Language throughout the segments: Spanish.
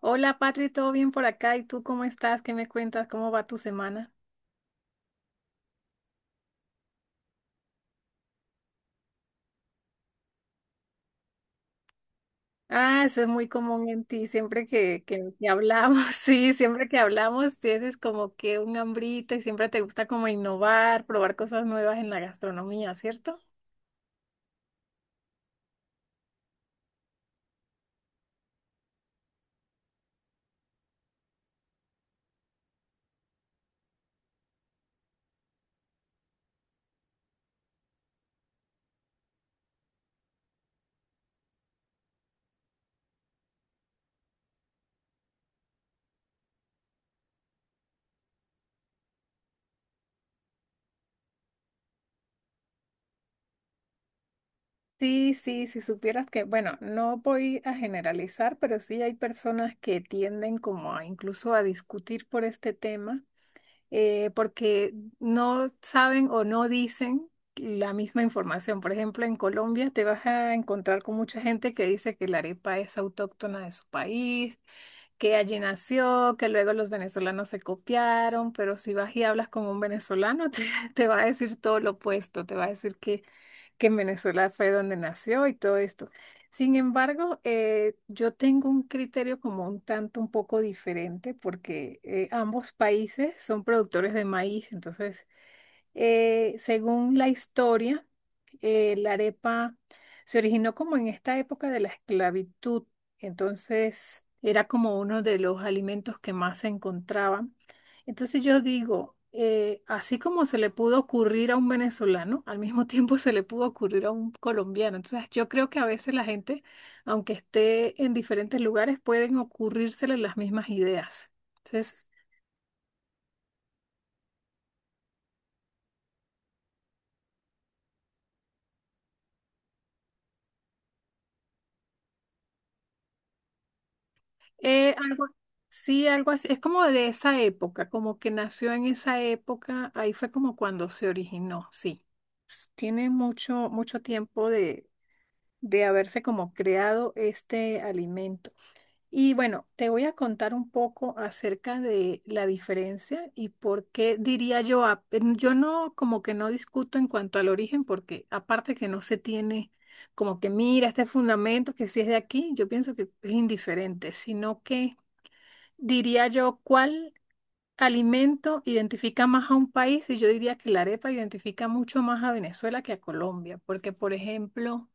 Hola, Patri, ¿todo bien por acá? ¿Y tú cómo estás? ¿Qué me cuentas? ¿Cómo va tu semana? Ah, eso es muy común en ti. Siempre que hablamos, sí, siempre que hablamos tienes como que un hambrita y siempre te gusta como innovar, probar cosas nuevas en la gastronomía, ¿cierto? Sí, sí, si supieras que, bueno, no voy a generalizar, pero sí hay personas que tienden como a incluso a discutir por este tema, porque no saben o no dicen la misma información. Por ejemplo, en Colombia te vas a encontrar con mucha gente que dice que la arepa es autóctona de su país, que allí nació, que luego los venezolanos se copiaron, pero si vas y hablas con un venezolano, te va a decir todo lo opuesto, te va a decir que en Venezuela fue donde nació y todo esto. Sin embargo, yo tengo un criterio como un tanto un poco diferente porque ambos países son productores de maíz, entonces según la historia, la arepa se originó como en esta época de la esclavitud, entonces era como uno de los alimentos que más se encontraban. Entonces yo digo, así como se le pudo ocurrir a un venezolano, al mismo tiempo se le pudo ocurrir a un colombiano. Entonces yo creo que a veces la gente, aunque esté en diferentes lugares, pueden ocurrírsele las mismas ideas. Entonces algo, sí, algo así. Es como de esa época, como que nació en esa época. Ahí fue como cuando se originó, sí. Tiene mucho, mucho tiempo de haberse como creado este alimento. Y bueno, te voy a contar un poco acerca de la diferencia y por qué diría yo, yo no como que no discuto en cuanto al origen, porque aparte que no se tiene como que mira este fundamento que si es de aquí, yo pienso que es indiferente, sino que diría yo, ¿cuál alimento identifica más a un país? Y yo diría que la arepa identifica mucho más a Venezuela que a Colombia, porque por ejemplo,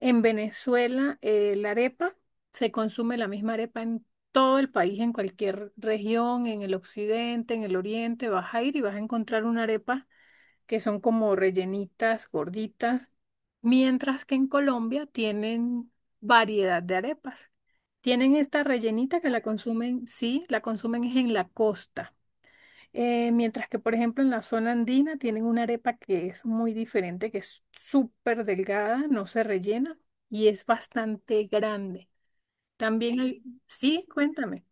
en Venezuela la arepa se consume la misma arepa en todo el país, en cualquier región, en el occidente, en el oriente, vas a ir y vas a encontrar una arepa que son como rellenitas, gorditas, mientras que en Colombia tienen variedad de arepas. Tienen esta rellenita que la consumen, sí, la consumen es en la costa. Mientras que, por ejemplo, en la zona andina tienen una arepa que es muy diferente, que es súper delgada, no se rellena y es bastante grande. También hay, sí, cuéntame.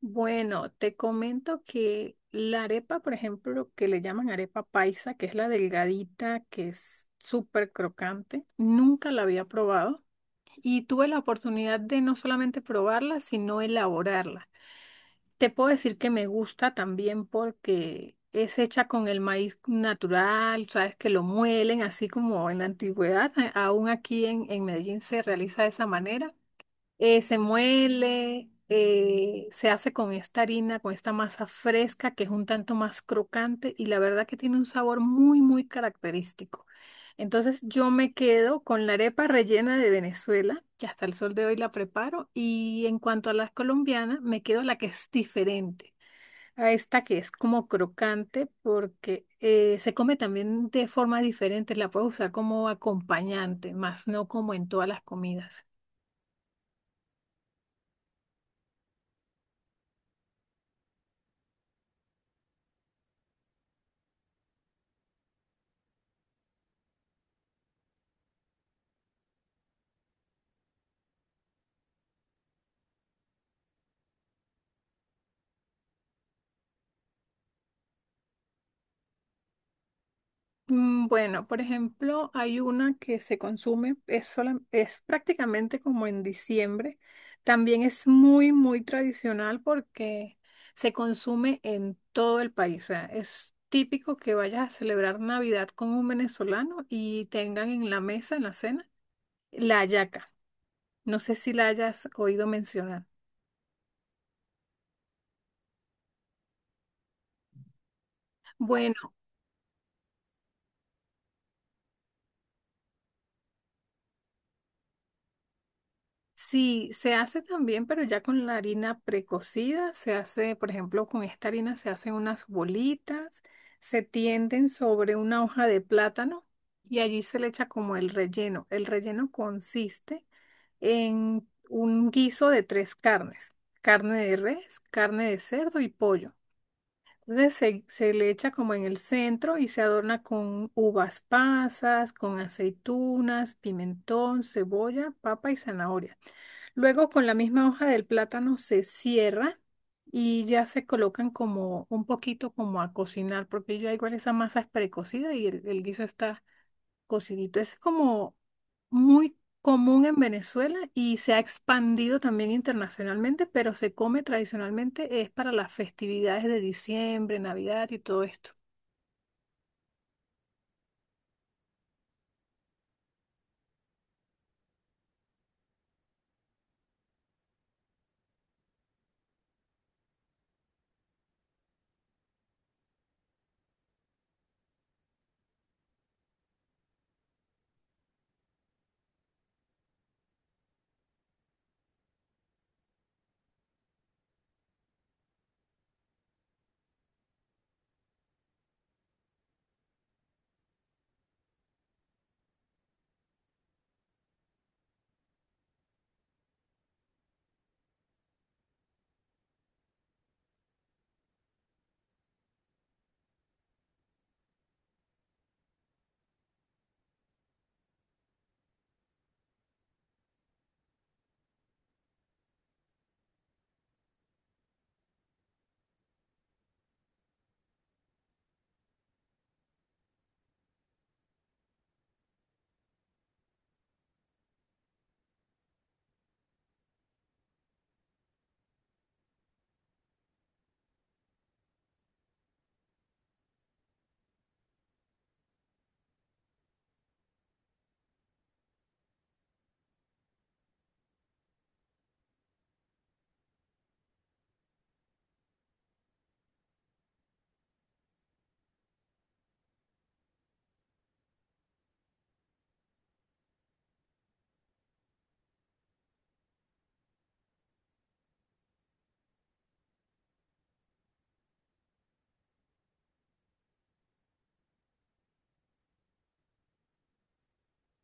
Bueno, te comento que la arepa, por ejemplo, que le llaman arepa paisa, que es la delgadita, que es súper crocante, nunca la había probado y tuve la oportunidad de no solamente probarla, sino elaborarla. Te puedo decir que me gusta también porque es hecha con el maíz natural, sabes que lo muelen así como en la antigüedad, aún aquí en Medellín se realiza de esa manera, se muele, se hace con esta harina, con esta masa fresca que es un tanto más crocante y la verdad que tiene un sabor muy, muy característico. Entonces yo me quedo con la arepa rellena de Venezuela, que hasta el sol de hoy la preparo, y en cuanto a la colombiana, me quedo la que es diferente. A esta que es como crocante porque se come también de forma diferente, la puedo usar como acompañante, más no como en todas las comidas. Mm, bueno, por ejemplo, hay una que se consume, es, es prácticamente como en diciembre. También es muy, muy tradicional porque se consume en todo el país. O sea, es típico que vayas a celebrar Navidad con un venezolano y tengan en la mesa, en la cena, la hallaca. No sé si la hayas oído mencionar. Bueno. Sí, se hace también, pero ya con la harina precocida, se hace, por ejemplo, con esta harina se hacen unas bolitas, se tienden sobre una hoja de plátano y allí se le echa como el relleno. El relleno consiste en un guiso de tres carnes, carne de res, carne de cerdo y pollo. Entonces se le echa como en el centro y se adorna con uvas pasas, con aceitunas, pimentón, cebolla, papa y zanahoria. Luego con la misma hoja del plátano se cierra y ya se colocan como un poquito como a cocinar, porque ya igual esa masa es precocida y el guiso está cocidito. Ese es como muy común en Venezuela y se ha expandido también internacionalmente, pero se come tradicionalmente, es para las festividades de diciembre, Navidad y todo esto.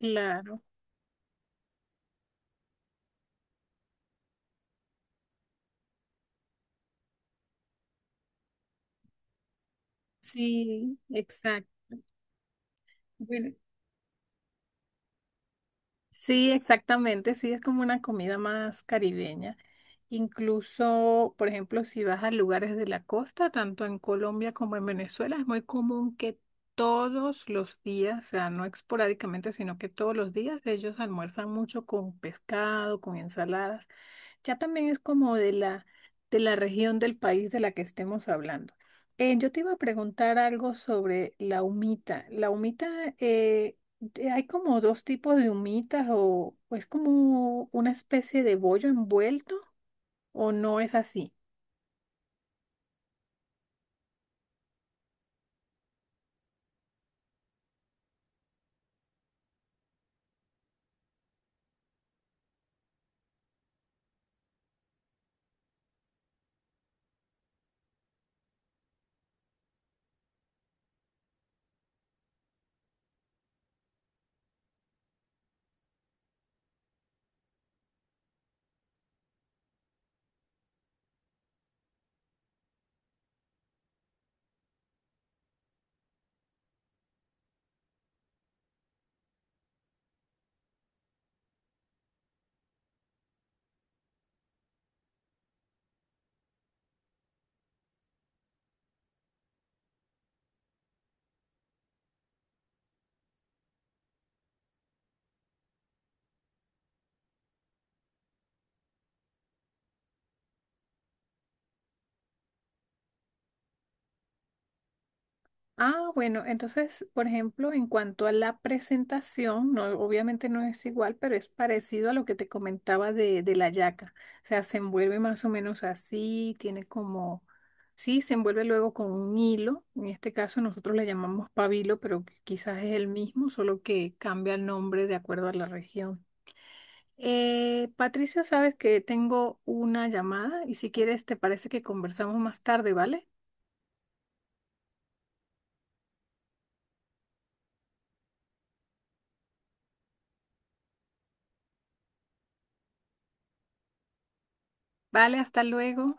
Claro, sí, exacto. Bueno, sí, exactamente, sí, es como una comida más caribeña. Incluso, por ejemplo, si vas a lugares de la costa, tanto en Colombia como en Venezuela, es muy común que todos los días, o sea, no esporádicamente, sino que todos los días ellos almuerzan mucho con pescado, con ensaladas. Ya también es como de la región del país de la que estemos hablando. Yo te iba a preguntar algo sobre la humita. La humita eh, hay como dos tipos de humitas o es como una especie de bollo envuelto o no es así. Ah, bueno, entonces, por ejemplo, en cuanto a la presentación, no, obviamente no es igual, pero es parecido a lo que te comentaba de la yaca. O sea, se envuelve más o menos así, tiene como, sí, se envuelve luego con un hilo. En este caso nosotros le llamamos pabilo, pero quizás es el mismo, solo que cambia el nombre de acuerdo a la región. Patricio, sabes que tengo una llamada y si quieres, te parece que conversamos más tarde, ¿vale? Vale, hasta luego.